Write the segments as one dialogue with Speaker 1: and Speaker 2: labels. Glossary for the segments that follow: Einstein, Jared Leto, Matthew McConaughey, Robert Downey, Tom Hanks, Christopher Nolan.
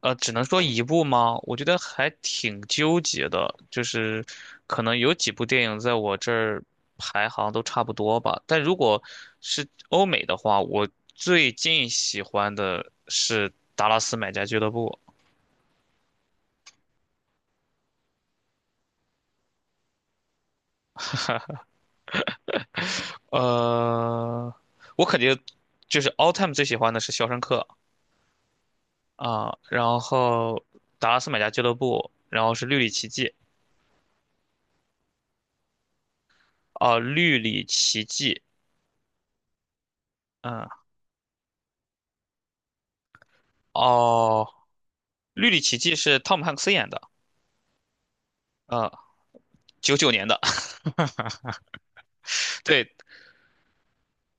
Speaker 1: 只能说一部吗？我觉得还挺纠结的，就是可能有几部电影在我这儿排行都差不多吧。但如果是欧美的话，我最近喜欢的是《达拉斯买家俱乐部》。呃，我肯定就是 all time 最喜欢的是《肖申克》啊，然后《达拉斯买家俱乐部》，然后是《绿里奇迹》啊，《绿里奇迹》嗯，哦，《绿里奇迹》是汤姆汉克斯演的。啊，1999年的，对，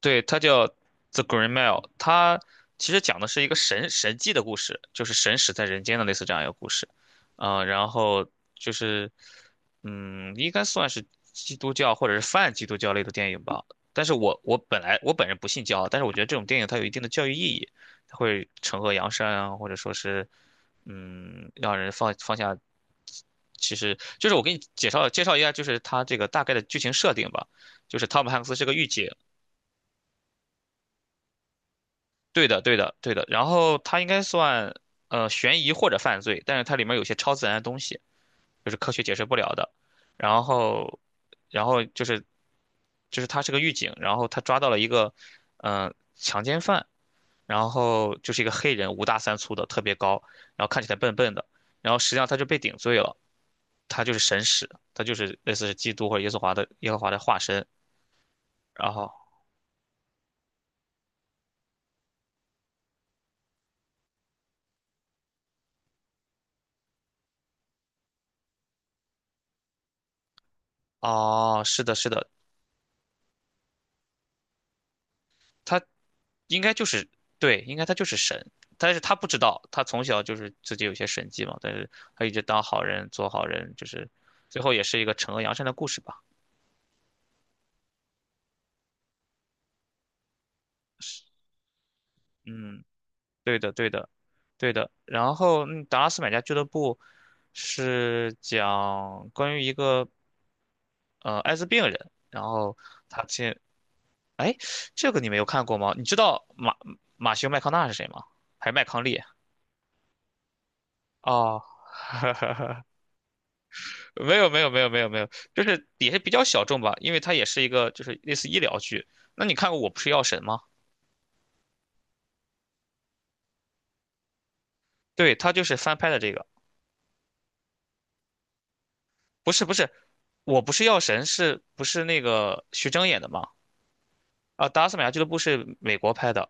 Speaker 1: 对，它叫《The Green Mile》,它其实讲的是一个神迹的故事，就是神使在人间的类似这样一个故事。然后就是，应该算是基督教或者是泛基督教类的电影吧。但是我本来我本人不信教啊，但是我觉得这种电影它有一定的教育意义，它会惩恶扬善啊，或者说是，让人放下。其实就是我给你介绍介绍一下，就是它这个大概的剧情设定吧。就是汤姆汉克斯是个御姐，对的，对的，对的。然后它应该算悬疑或者犯罪，但是它里面有些超自然的东西，就是科学解释不了的。然后，然后就是就是他是个狱警，然后他抓到了一个强奸犯，然后就是一个黑人，五大三粗的，特别高，然后看起来笨笨的，然后实际上他就被顶罪了，他就是神使，他就是类似是基督或者耶和华的化身。然后哦，是的，是的，他应该就是对，应该他就是神，但是他不知道，他从小就是自己有些神迹嘛，但是他一直当好人，做好人，就是最后也是一个惩恶扬善的故事吧。嗯，对的，对的，对的。然后，达拉斯买家俱乐部是讲关于一个艾滋病人，然后他进，哎，这个你没有看过吗？你知道马修麦康纳是谁吗？还是麦康利？哦，没有没有没有没有没有，就是也是比较小众吧，因为它也是一个就是类似医疗剧。那你看过《我不是药神》吗？对，它就是翻拍的这个，不是不是，《我不是药神》是不是那个徐峥演的吗？啊，《达斯买亚俱乐部》是美国拍的。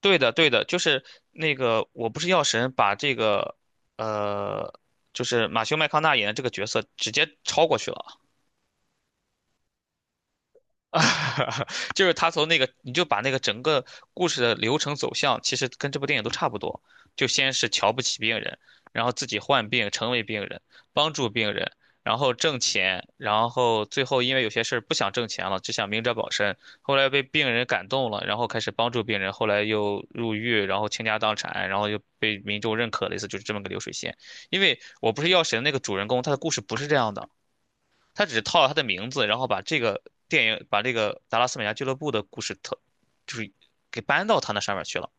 Speaker 1: 对的对的，就是那个《我不是药神》把这个呃，就是马修麦康纳演的这个角色直接超过去了。就是他从那个，你就把那个整个故事的流程走向，其实跟这部电影都差不多。就先是瞧不起病人，然后自己患病成为病人，帮助病人，然后挣钱，然后最后因为有些事儿不想挣钱了，只想明哲保身。后来被病人感动了，然后开始帮助病人，后来又入狱，然后倾家荡产，然后又被民众认可，类似就是这么个流水线。因为我不是药神那个主人公，他的故事不是这样的。他只是套了他的名字，然后把这个电影，把这个达拉斯美家俱乐部的故事特，就是给搬到他那上面去了。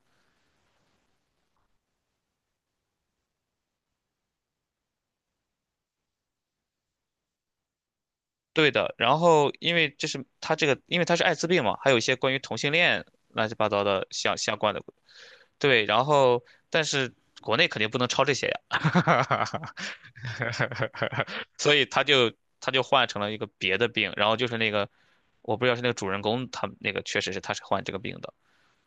Speaker 1: 对的，然后因为这是他这个，因为他是艾滋病嘛，还有一些关于同性恋乱七八糟的相关的。对，然后但是国内肯定不能抄这些呀，所以他就换成了一个别的病，然后就是那个我不知道是那个主人公他那个确实是他是患这个病的，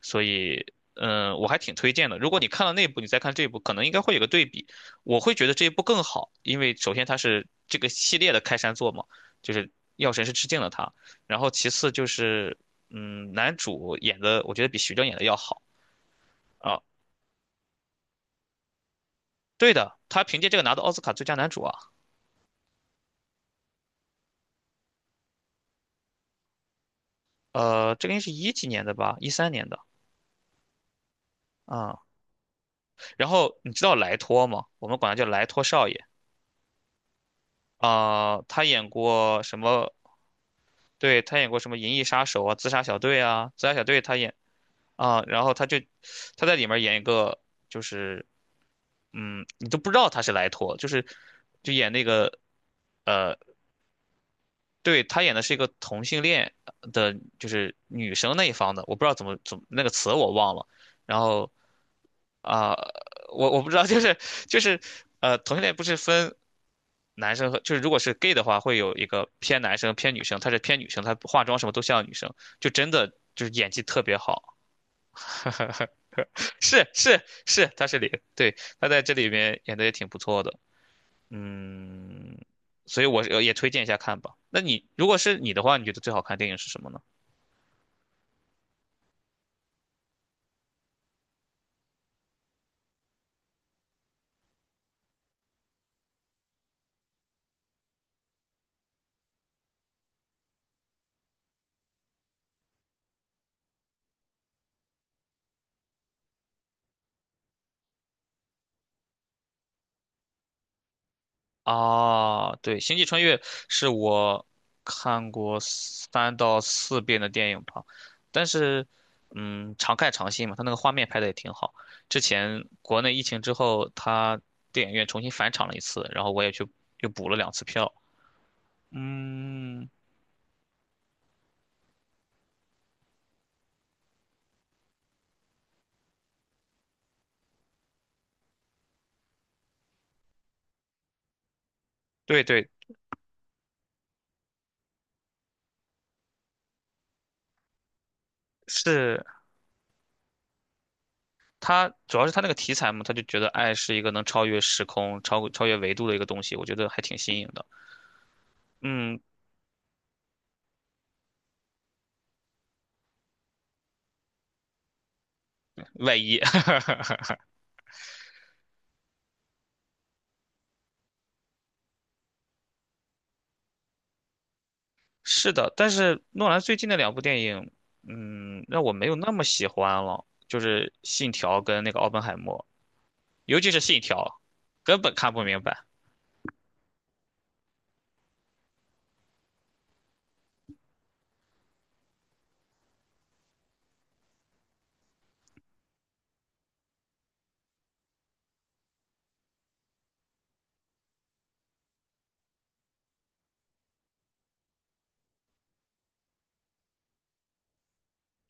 Speaker 1: 所以，我还挺推荐的。如果你看了那部，你再看这部，可能应该会有个对比。我会觉得这一部更好，因为首先它是这个系列的开山作嘛，就是药神是致敬了他。然后其次就是，男主演的我觉得比徐峥演的要好啊。对的，他凭借这个拿到奥斯卡最佳男主啊。这个应该是一几年的吧，2013年的啊。然后你知道莱托吗？我们管他叫莱托少爷他演过什么对，他演过什么《银翼杀手》啊，《自杀小队》啊，《自杀小队》他演啊，然后他在里面演一个，就是你都不知道他是莱托，就是就演那个呃，对他演的是一个同性恋的，就是女生那一方的，我不知道怎么那个词我忘了，然后啊、我不知道，就是同性恋不是分男生和，就是如果是 gay 的话，会有一个偏男生偏女生，他是偏女生，他化妆什么都像女生，就真的就是演技特别好，是是是，他是零，对，他在这里面演的也挺不错的，嗯，所以我是也推荐一下看吧。那你如果是你的话，你觉得最好看电影是什么呢？啊，对，《星际穿越》是我看过3到4遍的电影吧，但是，常看常新嘛，它那个画面拍的也挺好。之前国内疫情之后，它电影院重新返场了一次，然后我也去又补了两次票。嗯，对对，是它，主要是它那个题材嘛，他就觉得爱是一个能超越时空、超越维度的一个东西，我觉得还挺新颖的。嗯，外衣。是的，但是诺兰最近的两部电影，让我没有那么喜欢了，就是《信条》跟那个《奥本海默》，尤其是《信条》，根本看不明白。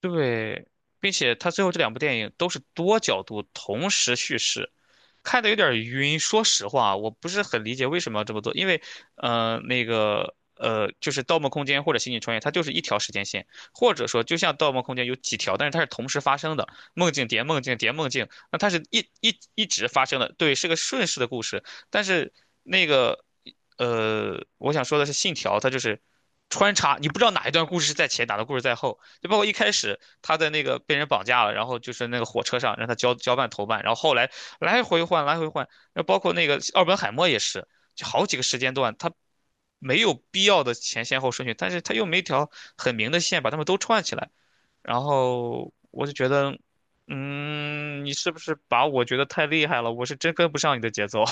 Speaker 1: 对，并且他最后这两部电影都是多角度同时叙事，看的有点晕。说实话，我不是很理解为什么要这么做，因为，那个，就是《盗梦空间》或者《星际穿越》，它就是一条时间线，或者说就像《盗梦空间》有几条，但是它是同时发生的，梦境叠梦境叠梦境，那它是一直发生的，对，是个顺势的故事。但是那个，我想说的是，《信条》它就是。穿插，你不知道哪一段故事是在前，哪段故事在后，就包括一开始他在那个被人绑架了，然后就是那个火车上让他交交办投办，然后后来来回换，来回换。那包括那个奥本海默也是，就好几个时间段，他没有必要的前先后顺序，但是他又没一条很明的线把他们都串起来。然后我就觉得，你是不是把我觉得太厉害了？我是真跟不上你的节奏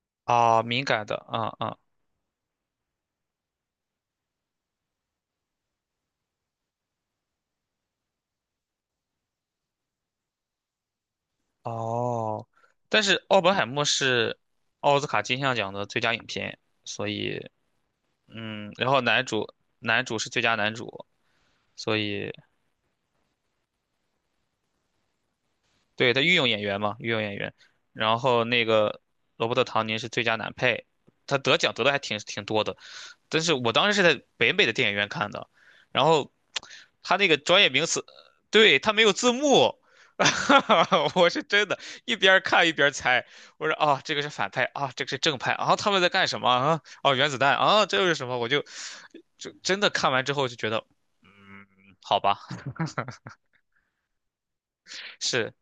Speaker 1: 啊，敏感的啊啊哦。但是奥本海默是奥斯卡金像奖的最佳影片，所以然后男主是最佳男主，所以。对，他御用演员嘛，御用演员。然后那个罗伯特·唐尼是最佳男配，他得奖得的还挺多的。但是我当时是在北美的电影院看的，然后 他那个专业名词，对，他没有字幕，我是真的，一边看一边猜。我说啊，这个是反派啊，这个是正派啊，他们在干什么啊？哦，原子弹啊，这又是什么？我就就真的看完之后就觉得，嗯，好吧，是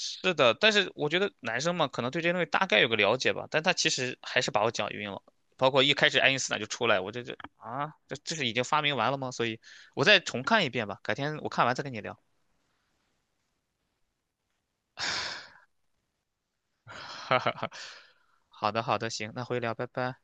Speaker 1: 是的，但是我觉得男生嘛，可能对这些东西大概有个了解吧，但他其实还是把我讲晕了。包括一开始爱因斯坦就出来，我这这啊，这这是已经发明完了吗？所以我再重看一遍吧，改天我看完再跟你聊。哈哈哈。好的，好的，行，那回聊，拜拜。